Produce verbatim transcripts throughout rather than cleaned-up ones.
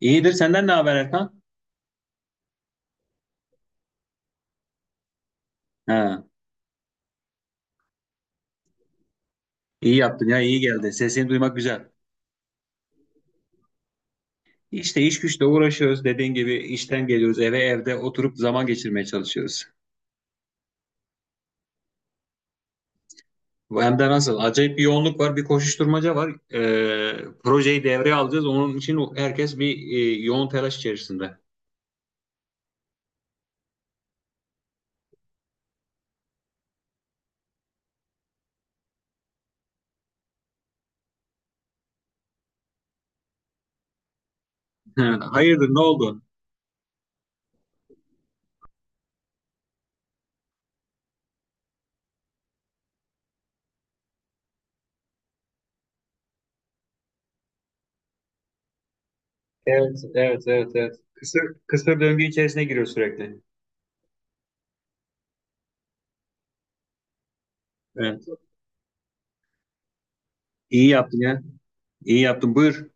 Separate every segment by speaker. Speaker 1: İyidir. Senden ne haber Erkan? Ha, iyi yaptın ya iyi geldi. Sesini duymak güzel. İşte iş güçle uğraşıyoruz. Dediğin gibi işten geliyoruz eve evde oturup zaman geçirmeye çalışıyoruz. Bu hem de nasıl? Acayip bir yoğunluk var, bir koşuşturmaca var. Ee, projeyi devreye alacağız. Onun için herkes bir e, yoğun telaş içerisinde. Ha, hayırdır, ne oldu? Evet, evet, evet, evet. Kısır, kısır döngü içerisine giriyor sürekli. Evet. İyi yaptın ya. İyi yaptın. Buyur.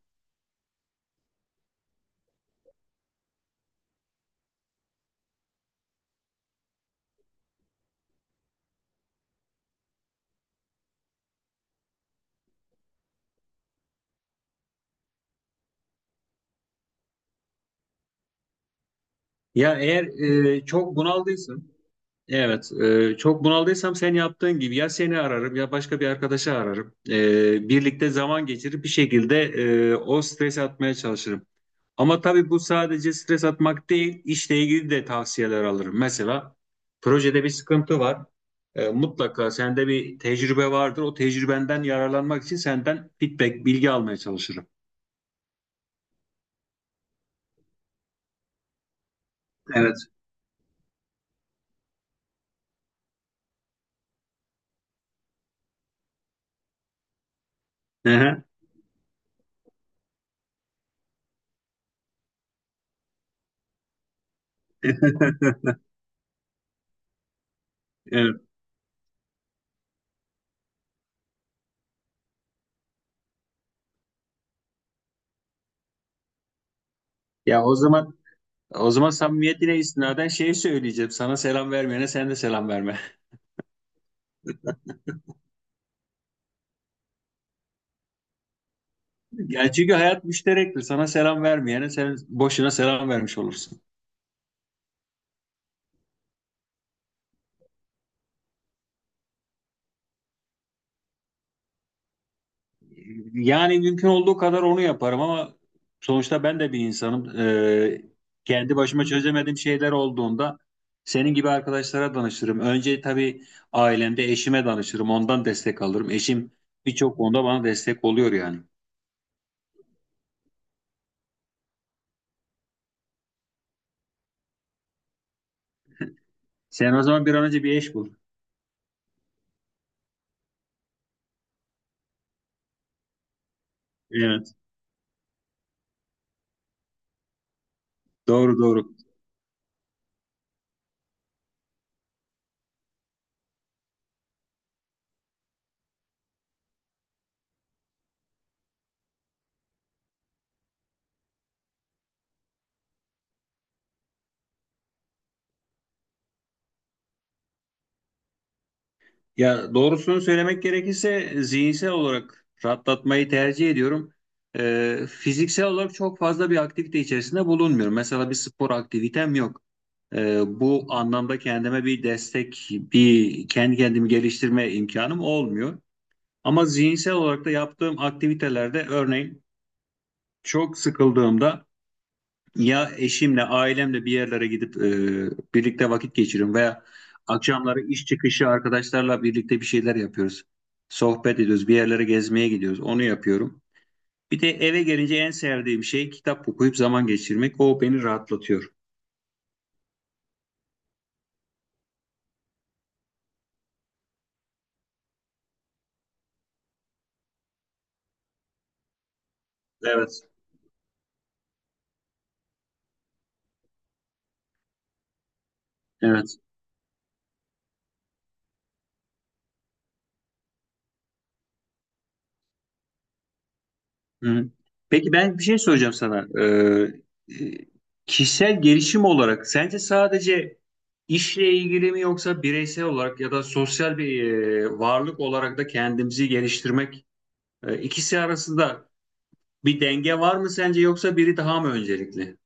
Speaker 1: Ya eğer e, çok bunaldıysın, evet, e, çok bunaldıysam sen yaptığın gibi ya seni ararım ya başka bir arkadaşı ararım. E, birlikte zaman geçirip bir şekilde e, o stresi atmaya çalışırım. Ama tabii bu sadece stres atmak değil, işle ilgili de tavsiyeler alırım. Mesela projede bir sıkıntı var. E, mutlaka sende bir tecrübe vardır. O tecrübenden yararlanmak için senden feedback, bilgi almaya çalışırım. Evet. Hı. Evet. Ya o zaman O zaman samimiyetine istinaden şey söyleyeceğim. Sana selam vermeyene sen de selam verme. Ya çünkü hayat müşterektir. Sana selam vermeyene sen boşuna selam vermiş olursun. Yani mümkün olduğu kadar onu yaparım ama sonuçta ben de bir insanım. Ee, kendi başıma çözemediğim şeyler olduğunda senin gibi arkadaşlara danışırım. Önce tabii ailemde eşime danışırım. Ondan destek alırım. Eşim birçok konuda bana destek oluyor yani. Sen o zaman bir an önce bir eş bul. Evet. Doğru, doğru. Ya doğrusunu söylemek gerekirse zihinsel olarak rahatlatmayı tercih ediyorum. Ee, fiziksel olarak çok fazla bir aktivite içerisinde bulunmuyorum. Mesela bir spor aktivitem yok. Ee, bu anlamda kendime bir destek, bir kendi kendimi geliştirme imkanım olmuyor. Ama zihinsel olarak da yaptığım aktivitelerde örneğin çok sıkıldığımda ya eşimle, ailemle bir yerlere gidip e, birlikte vakit geçiriyorum veya akşamları iş çıkışı arkadaşlarla birlikte bir şeyler yapıyoruz. Sohbet ediyoruz, bir yerlere gezmeye gidiyoruz. Onu yapıyorum. Bir de eve gelince en sevdiğim şey kitap okuyup zaman geçirmek. O beni rahatlatıyor. Evet. Evet. Hı. Peki ben bir şey soracağım sana. Ee, e, Kişisel gelişim olarak sence sadece işle ilgili mi yoksa bireysel olarak ya da sosyal bir e, varlık olarak da kendimizi geliştirmek. E, İkisi arasında bir denge var mı sence yoksa biri daha mı öncelikli?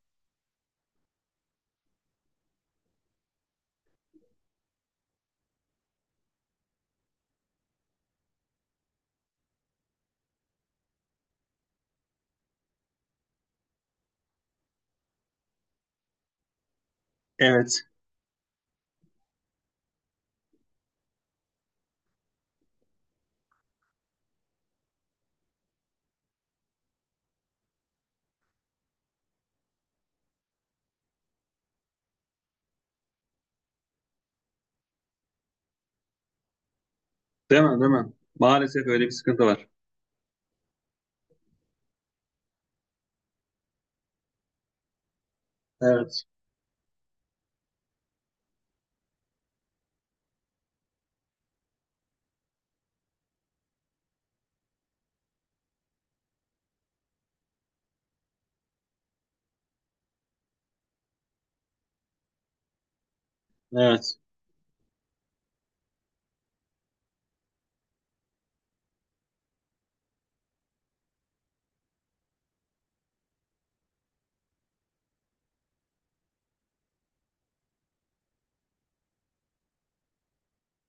Speaker 1: Evet. Değil mi? Değil mi? Maalesef öyle bir sıkıntı var. Evet. Evet.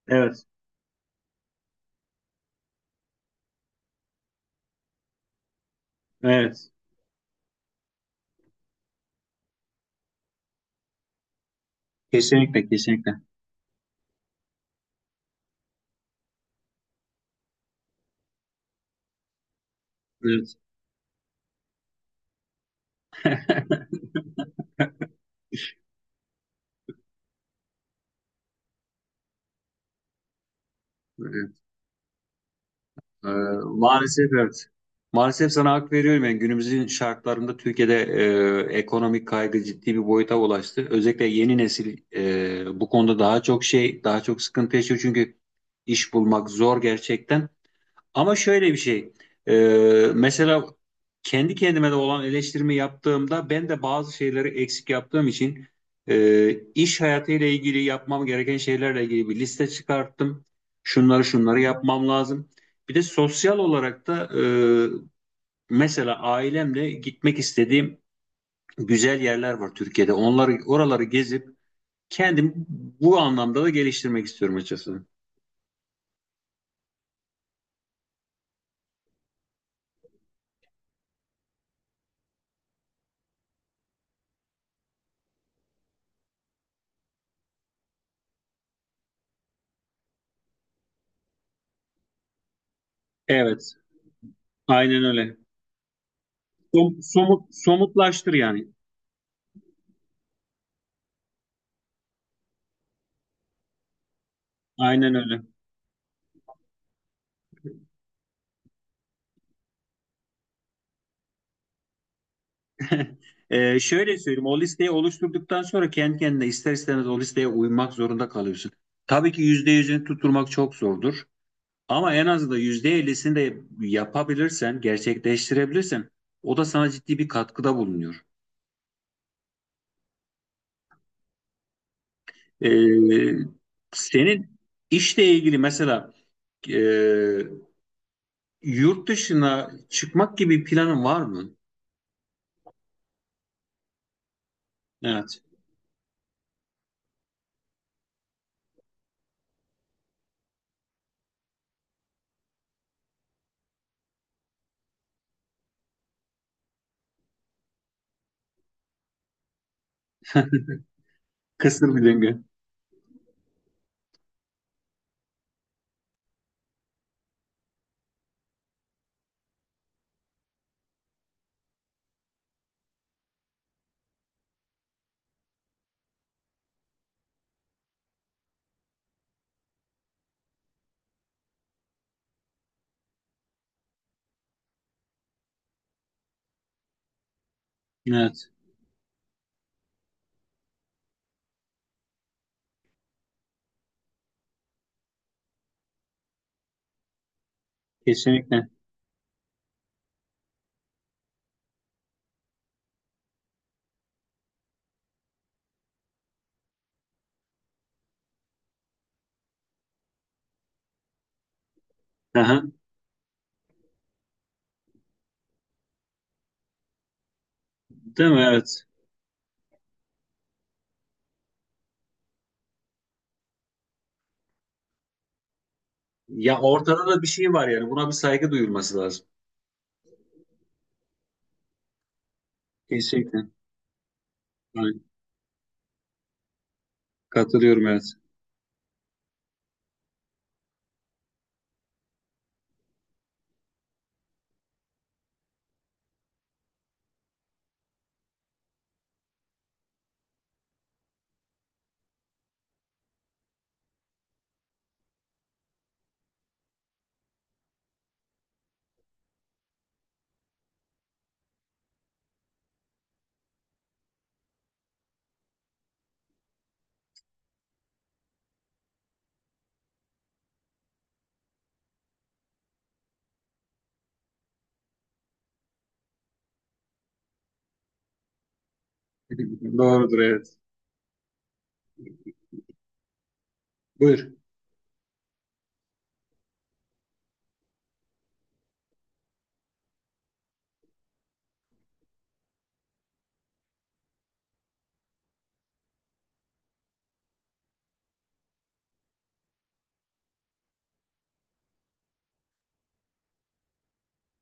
Speaker 1: Evet. Evet. Kesinlikle. Kesinlikle. Evet. evet. E, Maalesef evet. Maalesef sana hak veriyorum. Yani günümüzün şartlarında Türkiye'de e, ekonomik kaygı ciddi bir boyuta ulaştı. Özellikle yeni nesil e, bu konuda daha çok şey, daha çok sıkıntı yaşıyor. Çünkü iş bulmak zor gerçekten. Ama şöyle bir şey. e, Mesela kendi kendime de olan eleştirimi yaptığımda ben de bazı şeyleri eksik yaptığım için e, iş hayatıyla ilgili yapmam gereken şeylerle ilgili bir liste çıkarttım. Şunları şunları yapmam lazım. Bir de sosyal olarak da e, mesela ailemle gitmek istediğim güzel yerler var Türkiye'de. Onları oraları gezip kendimi bu anlamda da geliştirmek istiyorum açıkçası. Evet. Aynen öyle. Som- somut, somutlaştır yani. Aynen öyle. Ee, şöyle söyleyeyim, o listeyi oluşturduktan sonra kendi kendine ister istemez o listeye uymak zorunda kalıyorsun. Tabii ki yüzde yüzünü tutturmak çok zordur. Ama en azından yüzde ellisini de yapabilirsen, gerçekleştirebilirsen o da sana ciddi bir katkıda bulunuyor. Ee, Senin işle ilgili mesela e, yurt dışına çıkmak gibi planın var mı? Evet. Kısır bir döngü. Evet. Kesinlikle. Aha, değil mi? Evet. Ya ortada da bir şey var yani. Buna bir saygı duyulması lazım. Kesinlikle. Yani katılıyorum evet. Doğrudur evet. Buyur.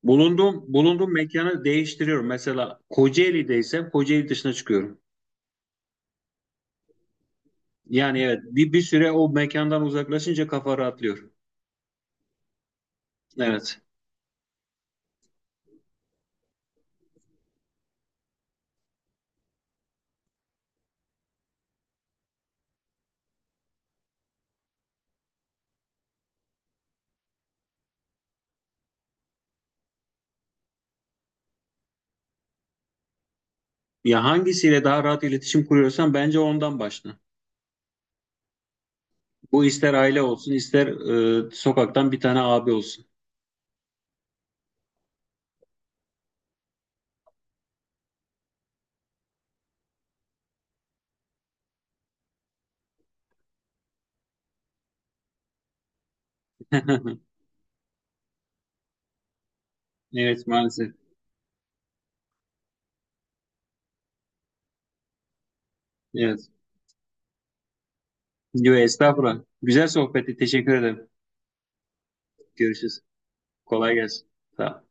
Speaker 1: Bulunduğum, bulunduğum mekanı değiştiriyorum. Mesela Kocaeli'deysem Kocaeli dışına çıkıyorum. Yani evet bir, bir süre o mekandan uzaklaşınca kafa rahatlıyor. Evet. Ya hangisiyle daha rahat iletişim kuruyorsan bence ondan başla. Bu ister aile olsun ister e, sokaktan bir tane abi olsun. Evet maalesef. Evet. Yo, estağfurullah. Güzel sohbetti. Teşekkür ederim. Görüşürüz. Kolay gelsin. Sağ ol.